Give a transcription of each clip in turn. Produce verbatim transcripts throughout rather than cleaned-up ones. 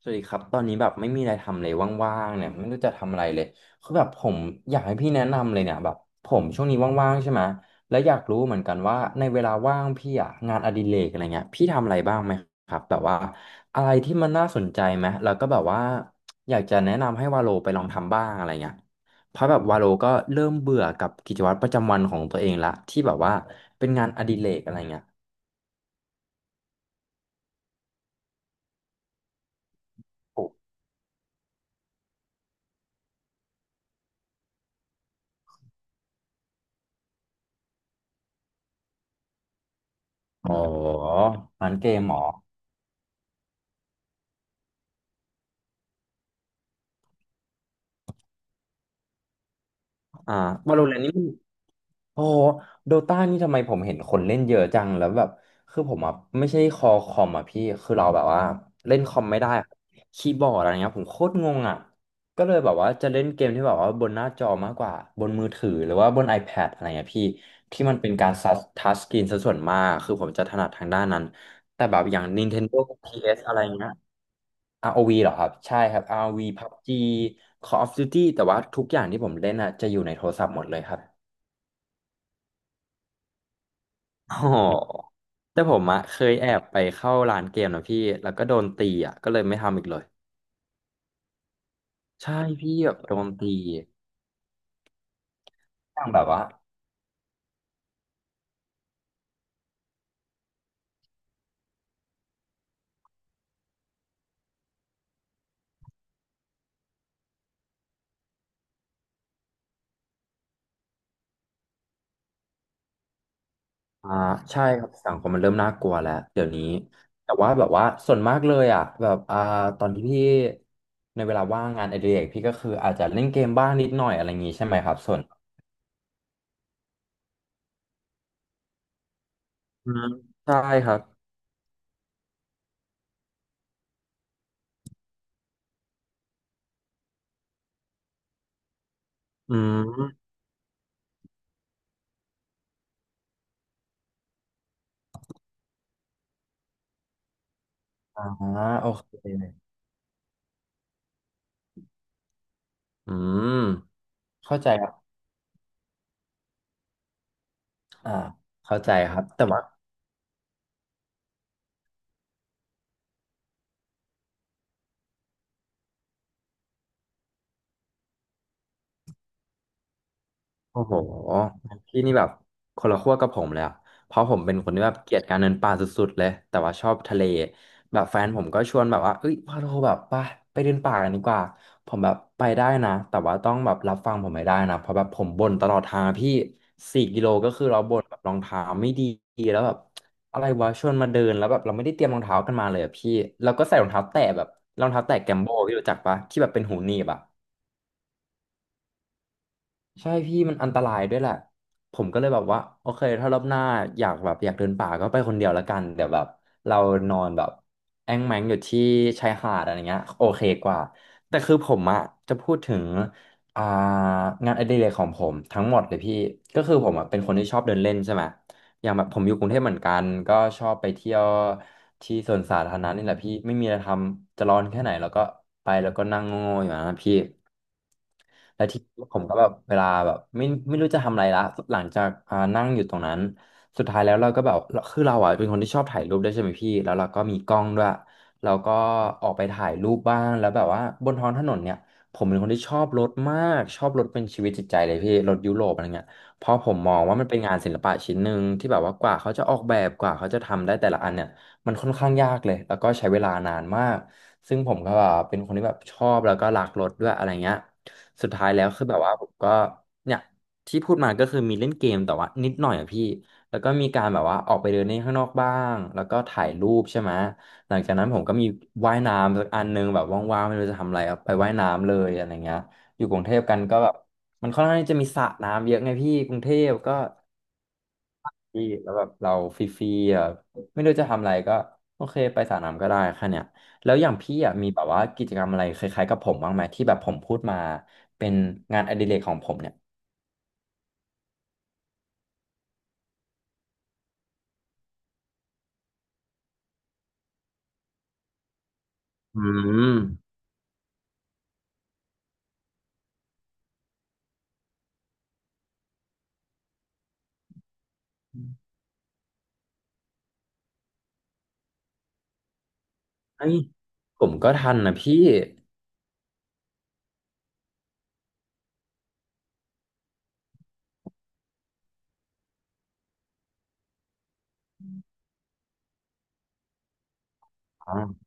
สวัสดีครับตอนนี้แบบไม่มีอะไรทำเลยว่างๆเนี่ยไม่รู้จะทำอะไรเลยคือแบบผมอยากให้พี่แนะนำเลยเนี่ยแบบผมช่วงนี้ว่างๆใช่ไหมและอยากรู้เหมือนกันว่าในเวลาว่างพี่อะงานอดิเรกอะไรเงี้ยพี่ทำอะไรบ้างไหมครับแบบว่าอะไรที่มันน่าสนใจไหมแล้วก็แบบว่าอยากจะแนะนำให้วาโลไปลองทำบ้างอะไรเงี้ยเพราะแบบวาโลก็เริ่มเบื่อกับกิจวัตรประจำวันของตัวเองละที่แบบว่าเป็นงานอดิเรกอะไรเงี้ยอ๋อร้านเกมเหรออ่าวาโลแรนนี่ โอ้โดตานี่ทำไมผมเห็นคนเล่นเยอะจังแล้วแบบคือผมอ่ะไม่ใช่คอคอมอ่ะพี่คือเราแบบว่าเล่นคอมไม่ได้คบีย์บอร์ดอะไรเงี้ยผมโคตรงงอ่ะก็เลยแบบว่าจะเล่นเกมที่แบบว่าบนหน้าจอมากกว่า บนมือถือหรือว่าบน iPad อะไรเงี้ยพี่ที่มันเป็นการทัชทัชสกรีนซะส่วนมากคือผมจะถนัดทางด้านนั้น แต่แบบอย่าง Nintendo พี เอส อสอะไรเงี้ย r ว v เหรอครับ ใช่ครับ r v พับจี Call of Duty แต่ว่าทุกอย่างที่ผมเล่นอ่ะจะอยู่ในโทรศัพท์หมดเลยครับ อ๋อ แต่ผมอะเคยแอบไปเข้าร้านเกมนะพี่แล้วก็โดนตีอะก็เลยไม่ทำอีกเลย ใช่พี่แบบโดนตีอย่างแบบว่าอ่าใช่ครับสังคมมันเริ่มน่ากลัวแล้วเดี๋ยวนี้แต่ว่าแบบว่าส่วนมากเลยอะแบบอ่าตอนที่พี่ในเวลาว่างงานอดิเรกพี่ก็คืออาจจะเล่นเกมบ้างนิดหน่อยอะไรอย่างงี้ใช่ไหมครับส่วนใช่ครับ อืมอ่าโอเค อืม เข้าใจครับอ่าเข้าใจครับแต่ว่า โอ้โหพี่นี่แบบคนละขั้วกับผมเลยอะเพราะผมเป็นคนที่แบบเกลียดการเดินป่าสุดๆเลยแต่ว่าชอบทะเลแบบแฟนผมก็ชวนแบบว่าเอ้ยว่าเราแบบไปไปเดินป่ากันดีกว่าผมแบบไปได้นะแต่ว่าต้องแบบรับฟังผมไม่ได้นะเพราะแบบผมบ่นตลอดทางอะพี่สี่กิโลก็คือเราบ่นแบบรองเท้าไม่ดีแล้วแบบอะไรวะชวนมาเดินแล้วแบบเราไม่ได้เตรียมรองเท้ากันมาเลยอะพี่แล้วก็ใส่รองเท้าแตะแบบรองเท้าแตะแกมโบพี่รู้จักปะที่แบบเป็นหูหนีบอะ ใช่พี่มันอันตรายด้วยแหละผมก็เลยแบบว่าโอเคถ้ารอบหน้าอยากแบบอยากเดินป่าก็ไปคนเดียวละกันเดี๋ยวแบบเรานอนแบบแอ้งแม้งอยู่ที่ชายหาดอะไรเงี้ยโอเคกว่าแต่คือผมอะจะพูดถึงอ่างานอดิเรกของผมทั้งหมดเลยพี่ก็คือผมอะเป็นคนที่ชอบเดินเล่นใช่ไหม อย่างแบบผมอยู่กรุงเทพเหมือนกันก็ชอบไปเที่ยวที่สวนสาธารณะนี่แหละพี่ไม่มีอะไรทำจะร้อนแค่ไหนแล้วก็ไปแล้วก็นั่งโง่ๆอยู่นะพี่และที่ผมก็แบบเวลาแบบไม่ไม่รู้จะทำอะไรละหลังจากอ่านั่งอยู่ตรงนั้นสุดท้ายแล้วเราก็แบบคือเราอ่ะเป็นคนที่ชอบถ่ายรูปด้วยใช่ไหมพี่แล้วเราก็มีกล้องด้วยเราก็ออกไปถ่ายรูปบ้างแล้วแบบว่าบนท้องถนนเนี่ยผมเป็นคนที่ชอบรถมากชอบรถเป็นชีวิตจิตใจเลยพี่รถยุโรปอะไรเงี้ย เพราะผมมองว่ามันเป็นงานศิลปะชิ้นหนึ่งที่แบบว่ากว่าเขาจะออกแบบกว่าเขาจะทำได้แต่ละอันเนี่ยมันค่อนข้างยากเลยแล้วก็ใช้เวลานานมากซึ่งผมก็แบบเป็นคนที่แบบชอบแล้วก็รักรถด้วยอะไรเงี้ยสุดท้ายแล้วคือแบบว่าผมก็เนี่ยที่พูดมาก็คือมีเล่นเกมแต่ว่านิดหน่อยอะพี่แล้วก็มีการแบบว่าออกไปเดินเล่นข้างนอกบ้างแล้วก็ถ่ายรูปใช่ไหมหลังจากนั้นผมก็มีว่ายน้ำสักอันหนึงแบบว่างๆไม่รู้จะทำอะไรอะไปว่ายน้ำเลยอะไรเงี้ยอยู่กรุงเทพกันก็แบบ มันค่อนข้างที่จะมีสระน้ำเยอะไงพี่กรุงเทพก็ดีแล้วแบบเราฟรีๆอ่ะไม่รู้จะทำอะไรก็โอเคไปสระน้ำก็ได้แค่เนี้ยแล้วอย่างพี่อ่ะมีแบบว่ากิจกรรมอะไรคล้ายๆกับผมบ้างไหมที่แบบผมพูดมาเป็นงานอดิเรกของผมเนี่ยอืมเฮ้ยผมก็ทันนะพี่อ๋อ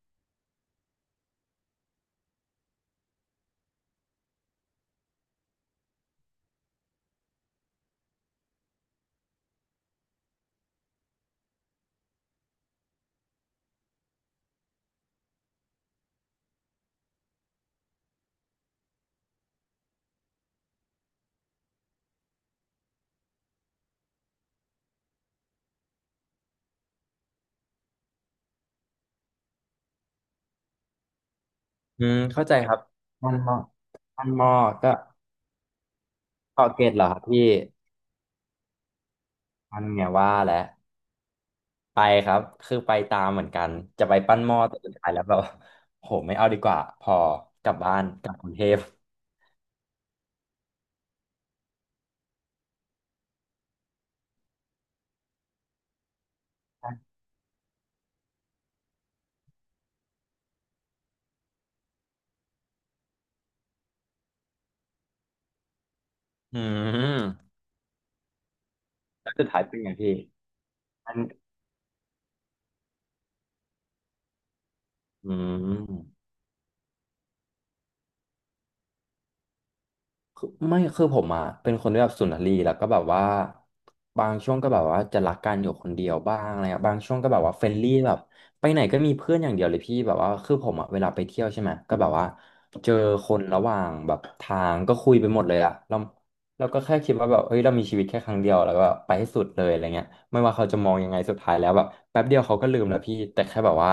อืมเข้าใจครับมันมอมันมอก็เกาะเกร็ดเหรอครับพี่มันไงว่าแล้ว ไปครับ คือไปตามเหมือนกัน จะไปปั้นหม้อแต่สุดท้ายแล้วแบบ โหไม่เอาดีกว่าพอกลับบ้านกลับกรุงเทพอืมแล้วสุดท้ายเป็นไงพี่อันอืม คือไม่คือผมอ่ะเป็นคนที่แบบสุนทรีย์แล้วก็แบบว่าบางช่วงก็แบบว่าจะรักกันอยู่คนเดียวบ้างอะไรอะบางช่วงก็แบบว่าเฟรนลี่แบบไปไหนก็มีเพื่อนอย่างเดียวเลยพี่แบบว่าคือผมอ่ะเวลาไปเที่ยวใช่ไหมก็แบบว่าเจอคนระหว่างแบบทางก็คุยไปหมดเลยอะเราเราก็แค่คิดว่าแบบเฮ้ยเรามีชีวิตแค่ครั้งเดียวแล้วก็แบบไปให้สุดเลยอะไรเงี้ยไม่ว่าเขาจะมองยังไงสุดท้ายแล้วแบบแป๊บเดียวเขาก็ลืมแล้วพี่แต่แค่แบบว่า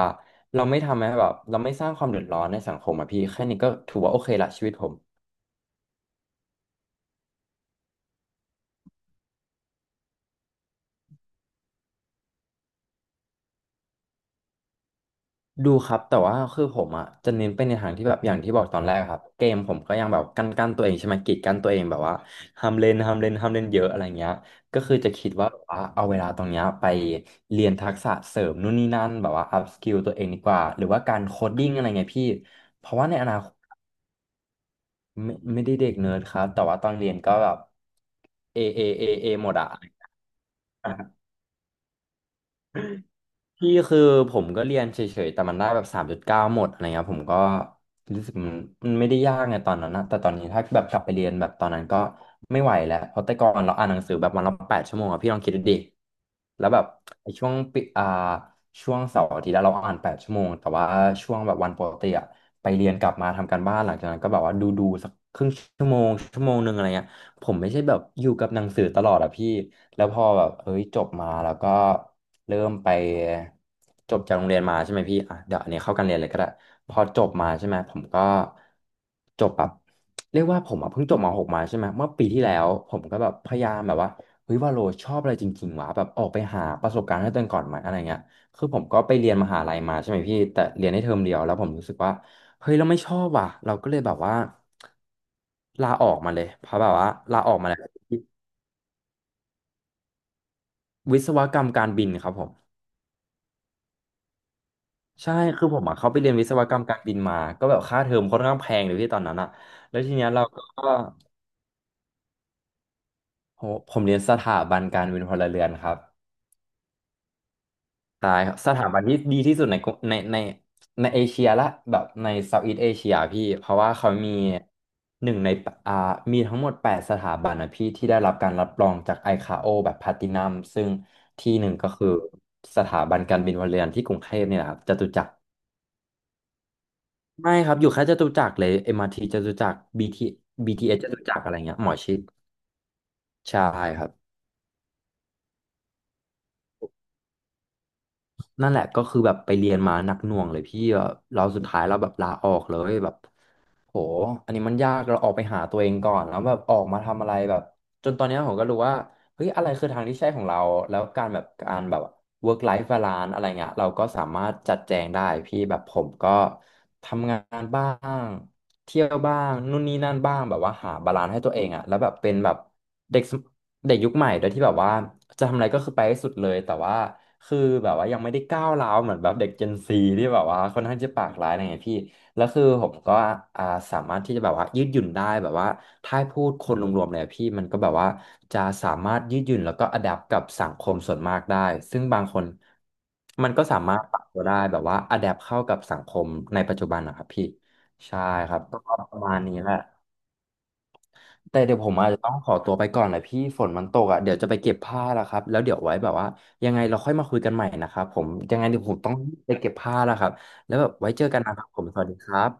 เราไม่ทำให้แบบเราไม่สร้างความเดือดร้อนในสังคมอะพี่แค่นี้ก็ถือว่าโอเคละชีวิตผม ดูครับแต่ว่าคือผมอ่ะจะเน้นไปในทางที่แบบอย่างที่บอกตอนแรกครับเกมผมก็ยังแบบกันกันตัวเองใช่ไหมกีดกันตัวเองแบบว่าห้ามเล่นห้ามเล่นห้ามเล่นเยอะอะไรเงี้ยก็คือจะคิดว่าแบบว่าเอาเวลาตรงเนี้ยไปเรียนทักษะเสริมนู่นนี่นั่นแบบว่าอัพสกิลตัวเองดีกว่าหรือว่าการโคดดิ้งอะไรเงี้ยพี่เพราะว่าในอนาคตไม่ไม่ได้เด็กเนิร์ดครับแต่ว่าตอนเรียนก็แบบเอเอเอเอหมดอ่ะ พี่คือผมก็เรียนเฉยๆแต่มันได้แบบสามจุดเก้าหมดอะไรเงี้ยผมก็รู้สึกมันมันไม่ได้ยากไงตอนนั้นนะแต่ตอนนี้ถ้าแบบกลับไปเรียนแบบตอนนั้นก็ไม่ไหวแล้วเพราะแต่ก่อนเราอ่านหนังสือแบบวันละแปดชั่วโมงอะพี่ลองคิดดูดิแล้วแบบไอ้ช่วงปิอ่าช่วงเสาร์อาทิตย์แล้วเราอ่านแปดชั่วโมงแต่ว่าช่วงแบบวันปกติอะไปเรียนกลับมาทำการบ้านหลังจากนั้นก็แบบว่าดูดูสักครึ่งชั่วโมงชั่วโมงหนึ่งอะไรเงี้ย ผมไม่ใช่แบบอยู่กับหนังสือตลอดอะพี่แล้วพอแบบเอ้ยจบมาแล้วก็เริ่มไปจบจากโรงเรียนมาใช่ไหมพี่อ่ะเดี๋ยวอันนี้เข้าการเรียนเลยก็ได้พอจบมาใช่ไหมผมก็จบแบบเรียกว่าผมอะเพิ่งจบม .หก มาใช่ไหมเมื่อปีที่แล้วผมก็แบบพยายามแบบว่าเฮ้ยว่าโลชอบอะไรจริงๆวะแบบออกไปหาประสบการณ์ให้ตัวเองก่อนไหมอะไรเงี้ยคือผมก็ไปเรียนมหาลัยมาใช่ไหมพี่แต่เรียนได้เทอมเดียวแล้วผมรู้สึกว่า เฮ้ยเราไม่ชอบว่ะเราก็เลยแบบว่าลาออกมาเลยเพราะแบบว่าลาออกมาแล้ววิศวกรรมการบินครับผมใช่คือผมอ่ะเขาไปเรียนวิศวกรรมการบินมาก็แบบค่าเทอมค่อนข้างแพงเลยพี่ตอนนั้นอ่ะแล้วทีเนี้ยเราก็โหผมเรียนสถาบันการบินพลเรือนครับ ตายครับสถาบันที่ดีที่สุดในกรุในในในเอเชียละแบบในเซาท์อีสต์เอเชียพี่เพราะว่าเขามีหนึ่งในอ่ามีทั้งหมดแปดสถาบันนะพี่ที่ได้รับการรับรองจากไอคาโอแบบแพลตินัมซึ่งที่หนึ่งก็คือสถาบันการบินพลเรือนที่กรุงเทพนี่แหละครับจตุจักรไม่ครับอยู่แค่จตุจักรเลย เอ็ม อาร์ ที จตุจักร BT บี ที เอส จตุจักรอะไรเงี้ยหมอชิดใช่ครับ นั่นแหละก็คือแบบไปเรียนมาหนักหน่วงเลยพี่แบบเราสุดท้ายเราแบบลาออกเลยแบบโหอันนี้มันยากเราออกไปหาตัวเองก่อนแล้วแบบออกมาทำอะไรแบบจนตอนเนี้ยผมก็รู้ว่าเฮ้ยอะไรคือทางที่ใช่ของเราแล้วการแบบการแบบ work life balance อะไรเงี้ยเราก็สามารถจัดแจงได้พี่แบบผมก็ทำงานบ้างเที่ยวบ้างนู่นนี่นั่นบ้างแบบว่าหาบาลานซ์ให้ตัวเองอะแล้วแบบเป็นแบบเด็ก เด็กยุคใหม่โดยที่แบบว่าจะทำอะไรก็คือไปให้สุดเลยแต่ว่าคือแบบว่ายังไม่ได้ก้าวร้าวเหมือนแบบเด็ก Gen Z ที่แบบว่าค่อนข้างจะปากร้ายอะไรเงี้ยพี่แล้วคือผมก็อ่าสามารถที่จะแบบว่ายืดหยุ่นได้แบบว่าถ้าให้พูดคนรวมๆเลยอะพี่มันก็แบบว่าจะสามารถยืดหยุ่นแล้วก็อัดแอกับสังคมส่วนมากได้ซึ่งบางคนมันก็สามารถปรับตัวได้แบบว่าอัดแอปเข้ากับสังคมในปัจจุบันนะครับพี่ใช่ครับก็ประมาณนี้แหละ แต่เดี๋ยวผมอาจจะต้องขอตัวไปก่อนนะพี่ฝนมันตกอ่ะเดี๋ยวจะไปเก็บผ้าแล้วครับแล้วเดี๋ยวไว้แบบว่ายังไงเราค่อยมาคุยกันใหม่นะครับผมยังไงเดี๋ยวผมต้องไปเก็บผ้าแล้วครับแล้วแบบไว้เจอกันนะครับผมสวัสดีครับ